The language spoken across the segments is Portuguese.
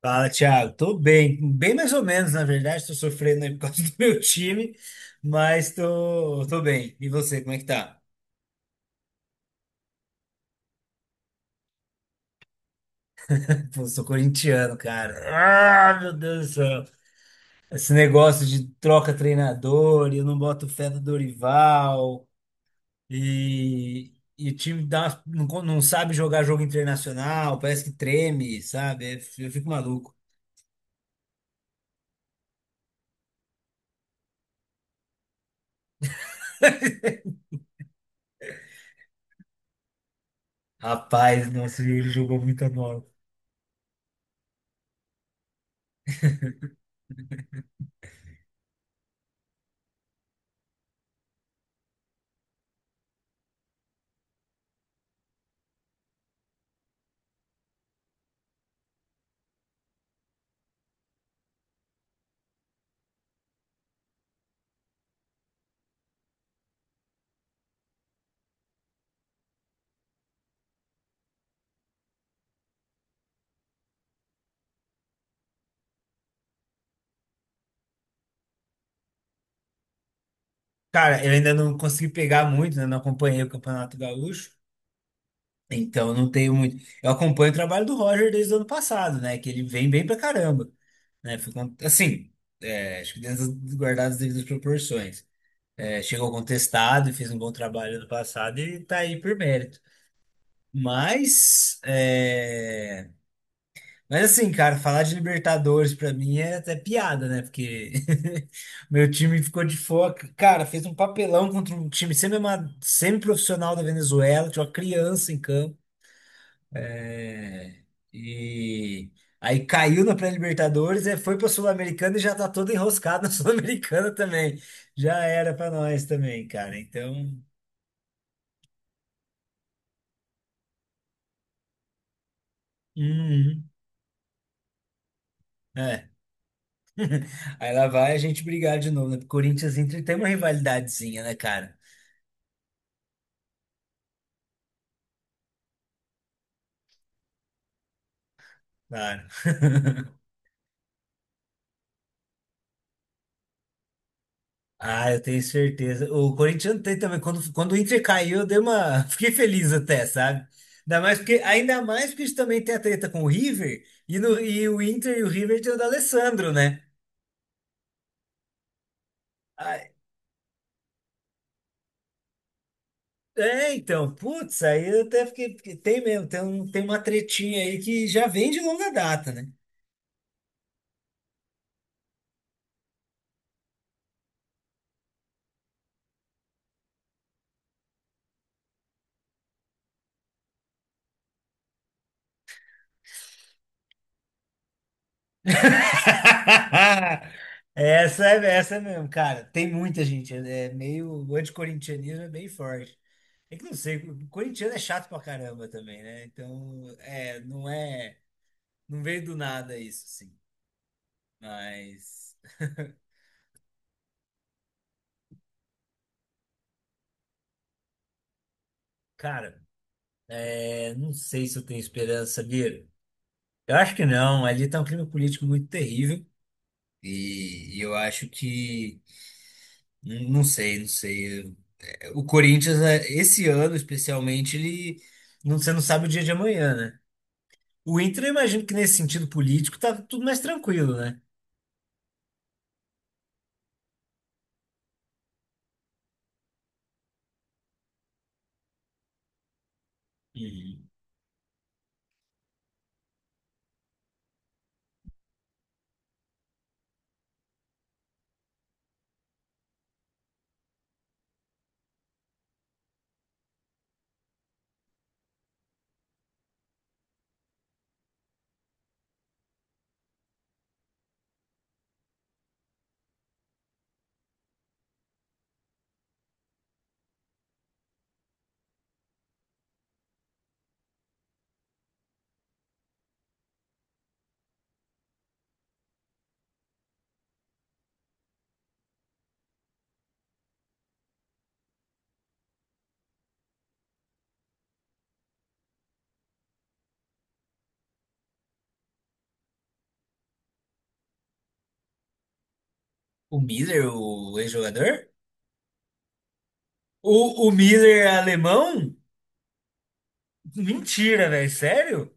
Fala, Thiago. Tô bem, bem mais ou menos, na verdade. Tô sofrendo aí por causa do meu time, mas tô bem. E você, como é que tá? Pô, sou corintiano, cara. Ah, meu Deus do céu. Esse negócio de troca treinador, e eu não boto fé no Dorival, e o time dá, não, não sabe jogar jogo internacional, parece que treme, sabe? Eu fico maluco. Rapaz, nossa, ele jogou muita bola. Cara, eu ainda não consegui pegar muito, né? Não acompanhei o Campeonato Gaúcho, então não tenho muito. Eu acompanho o trabalho do Roger desde o ano passado, né? Que ele vem bem pra caramba, né? Assim, acho que dentro das guardadas as devidas proporções. É, chegou contestado, fez um bom trabalho ano passado e tá aí por mérito. Mas, é, mas assim, cara, falar de Libertadores pra mim é até piada, né? Porque meu time ficou de fora. Cara, fez um papelão contra um time semi-profissional da Venezuela, tinha uma criança em campo. É, e aí caiu na pré-Libertadores, é, foi pra Sul-Americana e já tá todo enroscado na Sul-Americana também. Já era pra nós também, cara. Então, uhum, é. Aí lá vai a gente brigar de novo, né? Porque Corinthians e Inter tem uma rivalidadezinha, né, cara? Claro. Ah, eu tenho certeza. O Corinthians tem também. Quando o Inter caiu, eu dei uma. Fiquei feliz até, sabe? Ainda mais porque a gente também tem a treta com o River. E, no, e o Inter e o River tem o D'Alessandro, né? Ai, é, então. Putz, aí eu até fiquei, porque tem mesmo. Tem, um, tem uma tretinha aí que já vem de longa data, né? Essa é mesmo, cara. Tem muita gente. É é meio. O anticorintianismo é bem forte. É que não sei, o corintiano é chato pra caramba também, né? Então, é, não veio do nada isso, assim. Mas, cara, é, não sei se eu tenho esperança, sabia? Eu acho que não, ali tá um clima político muito terrível. E eu acho que, não sei, não sei. O Corinthians, é, esse ano especialmente, ele, não, você não sabe o dia de amanhã, né? O Inter, eu imagino que nesse sentido político tá tudo mais tranquilo, né? E o Miller, o ex-jogador? O Miller é alemão? Mentira, velho. Sério?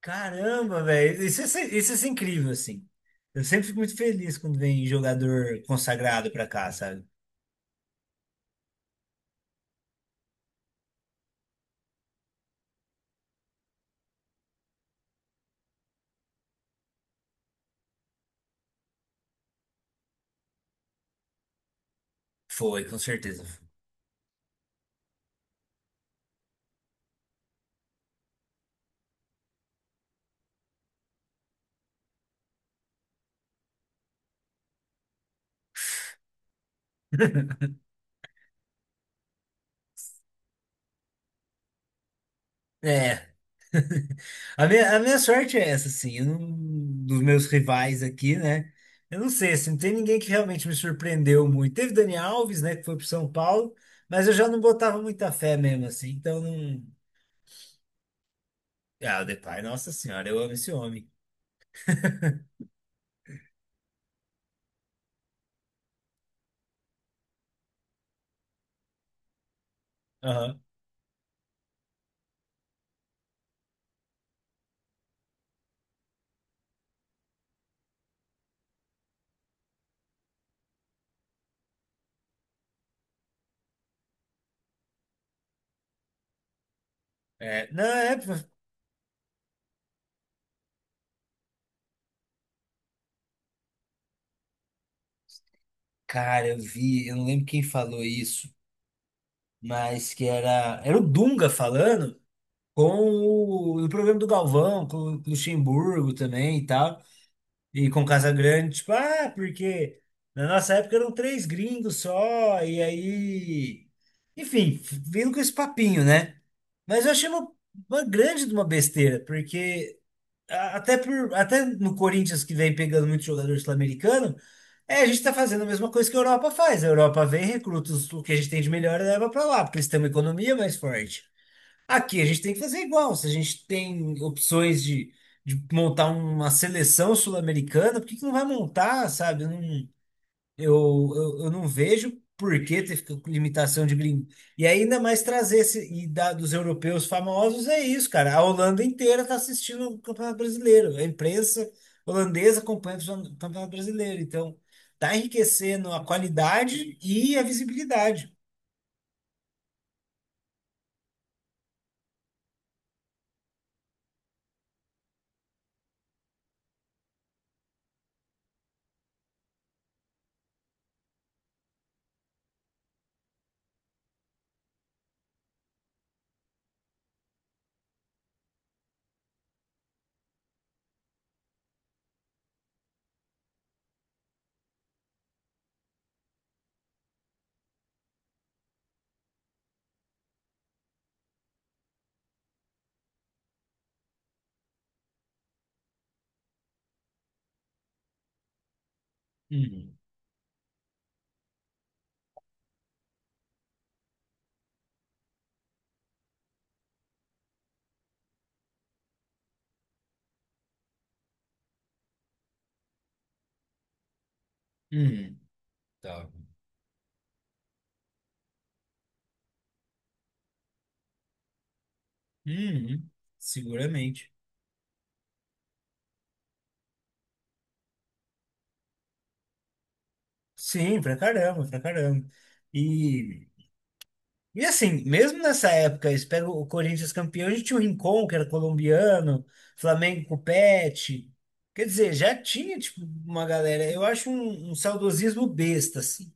Caramba, velho. Isso, isso é incrível, assim. Eu sempre fico muito feliz quando vem jogador consagrado pra cá, sabe? Foi, com certeza. É. A minha sorte é essa, assim. Eu não- Dos meus rivais aqui, né? Eu não sei, assim, não tem ninguém que realmente me surpreendeu muito. Teve Dani Alves, né, que foi pro São Paulo, mas eu já não botava muita fé mesmo, assim. Então, não. Ah, o Depay, nossa senhora, eu amo esse homem. Aham. É, não, é, cara, eu vi, eu não lembro quem falou isso, mas era o Dunga falando com o programa do Galvão, com, o Luxemburgo também e tal, e com o Casagrande, tipo, ah, porque na nossa época eram três gringos só, e aí, enfim, vindo com esse papinho, né? Mas eu achei uma grande de uma besteira, porque até por, até no Corinthians que vem pegando muito jogador sul-americano, é, a gente está fazendo a mesma coisa que a Europa faz. A Europa vem, recruta o que a gente tem de melhor e leva para lá, porque eles têm uma economia mais forte. Aqui a gente tem que fazer igual. Se a gente tem opções de montar uma seleção sul-americana, por que que não vai montar, sabe? Não, eu, eu não vejo por que ter ficado limitação de gringo. E ainda mais trazer esse, e da, dos europeus famosos é isso, cara. A Holanda inteira está assistindo o Campeonato Brasileiro. A imprensa holandesa acompanha o Campeonato Brasileiro. Então, tá enriquecendo a qualidade e a visibilidade. Uhum, uhum, tá. Uhum, seguramente. Sim, pra caramba, pra caramba. E assim, mesmo nessa época, eles pegam o Corinthians campeão, a gente tinha o Rincon, que era colombiano, Flamengo com o Pet. Quer dizer, já tinha, tipo, uma galera. Eu acho um saudosismo besta, assim.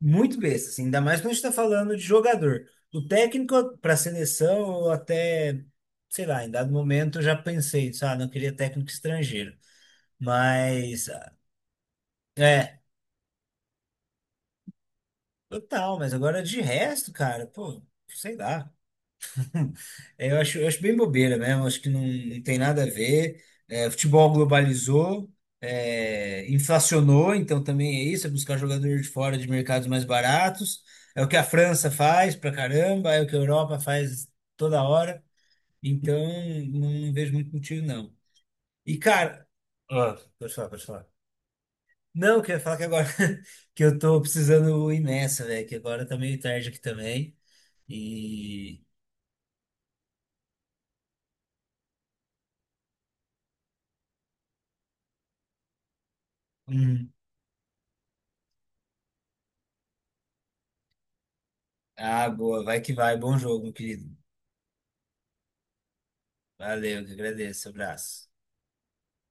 Muito besta, assim. Ainda mais quando a gente tá falando de jogador. O técnico para seleção, eu até, sei lá, em dado momento eu já pensei, sabe, não queria técnico estrangeiro. Mas, é, total. Mas agora de resto, cara, pô, sei lá. É, eu acho, eu acho bem bobeira mesmo, acho que não, não tem nada a ver. É, futebol globalizou, é, inflacionou, então também é isso, é buscar jogador de fora de mercados mais baratos. É o que a França faz pra caramba, é o que a Europa faz toda hora. Então, não, não vejo muito motivo, não. E, cara, ó, pode falar, pode falar. Não, eu queria falar que agora que eu tô precisando ir nessa, velho, que agora tá meio tarde aqui também. E. Hum, ah, boa. Vai que vai. Bom jogo, meu querido. Valeu, que agradeço. Abraço.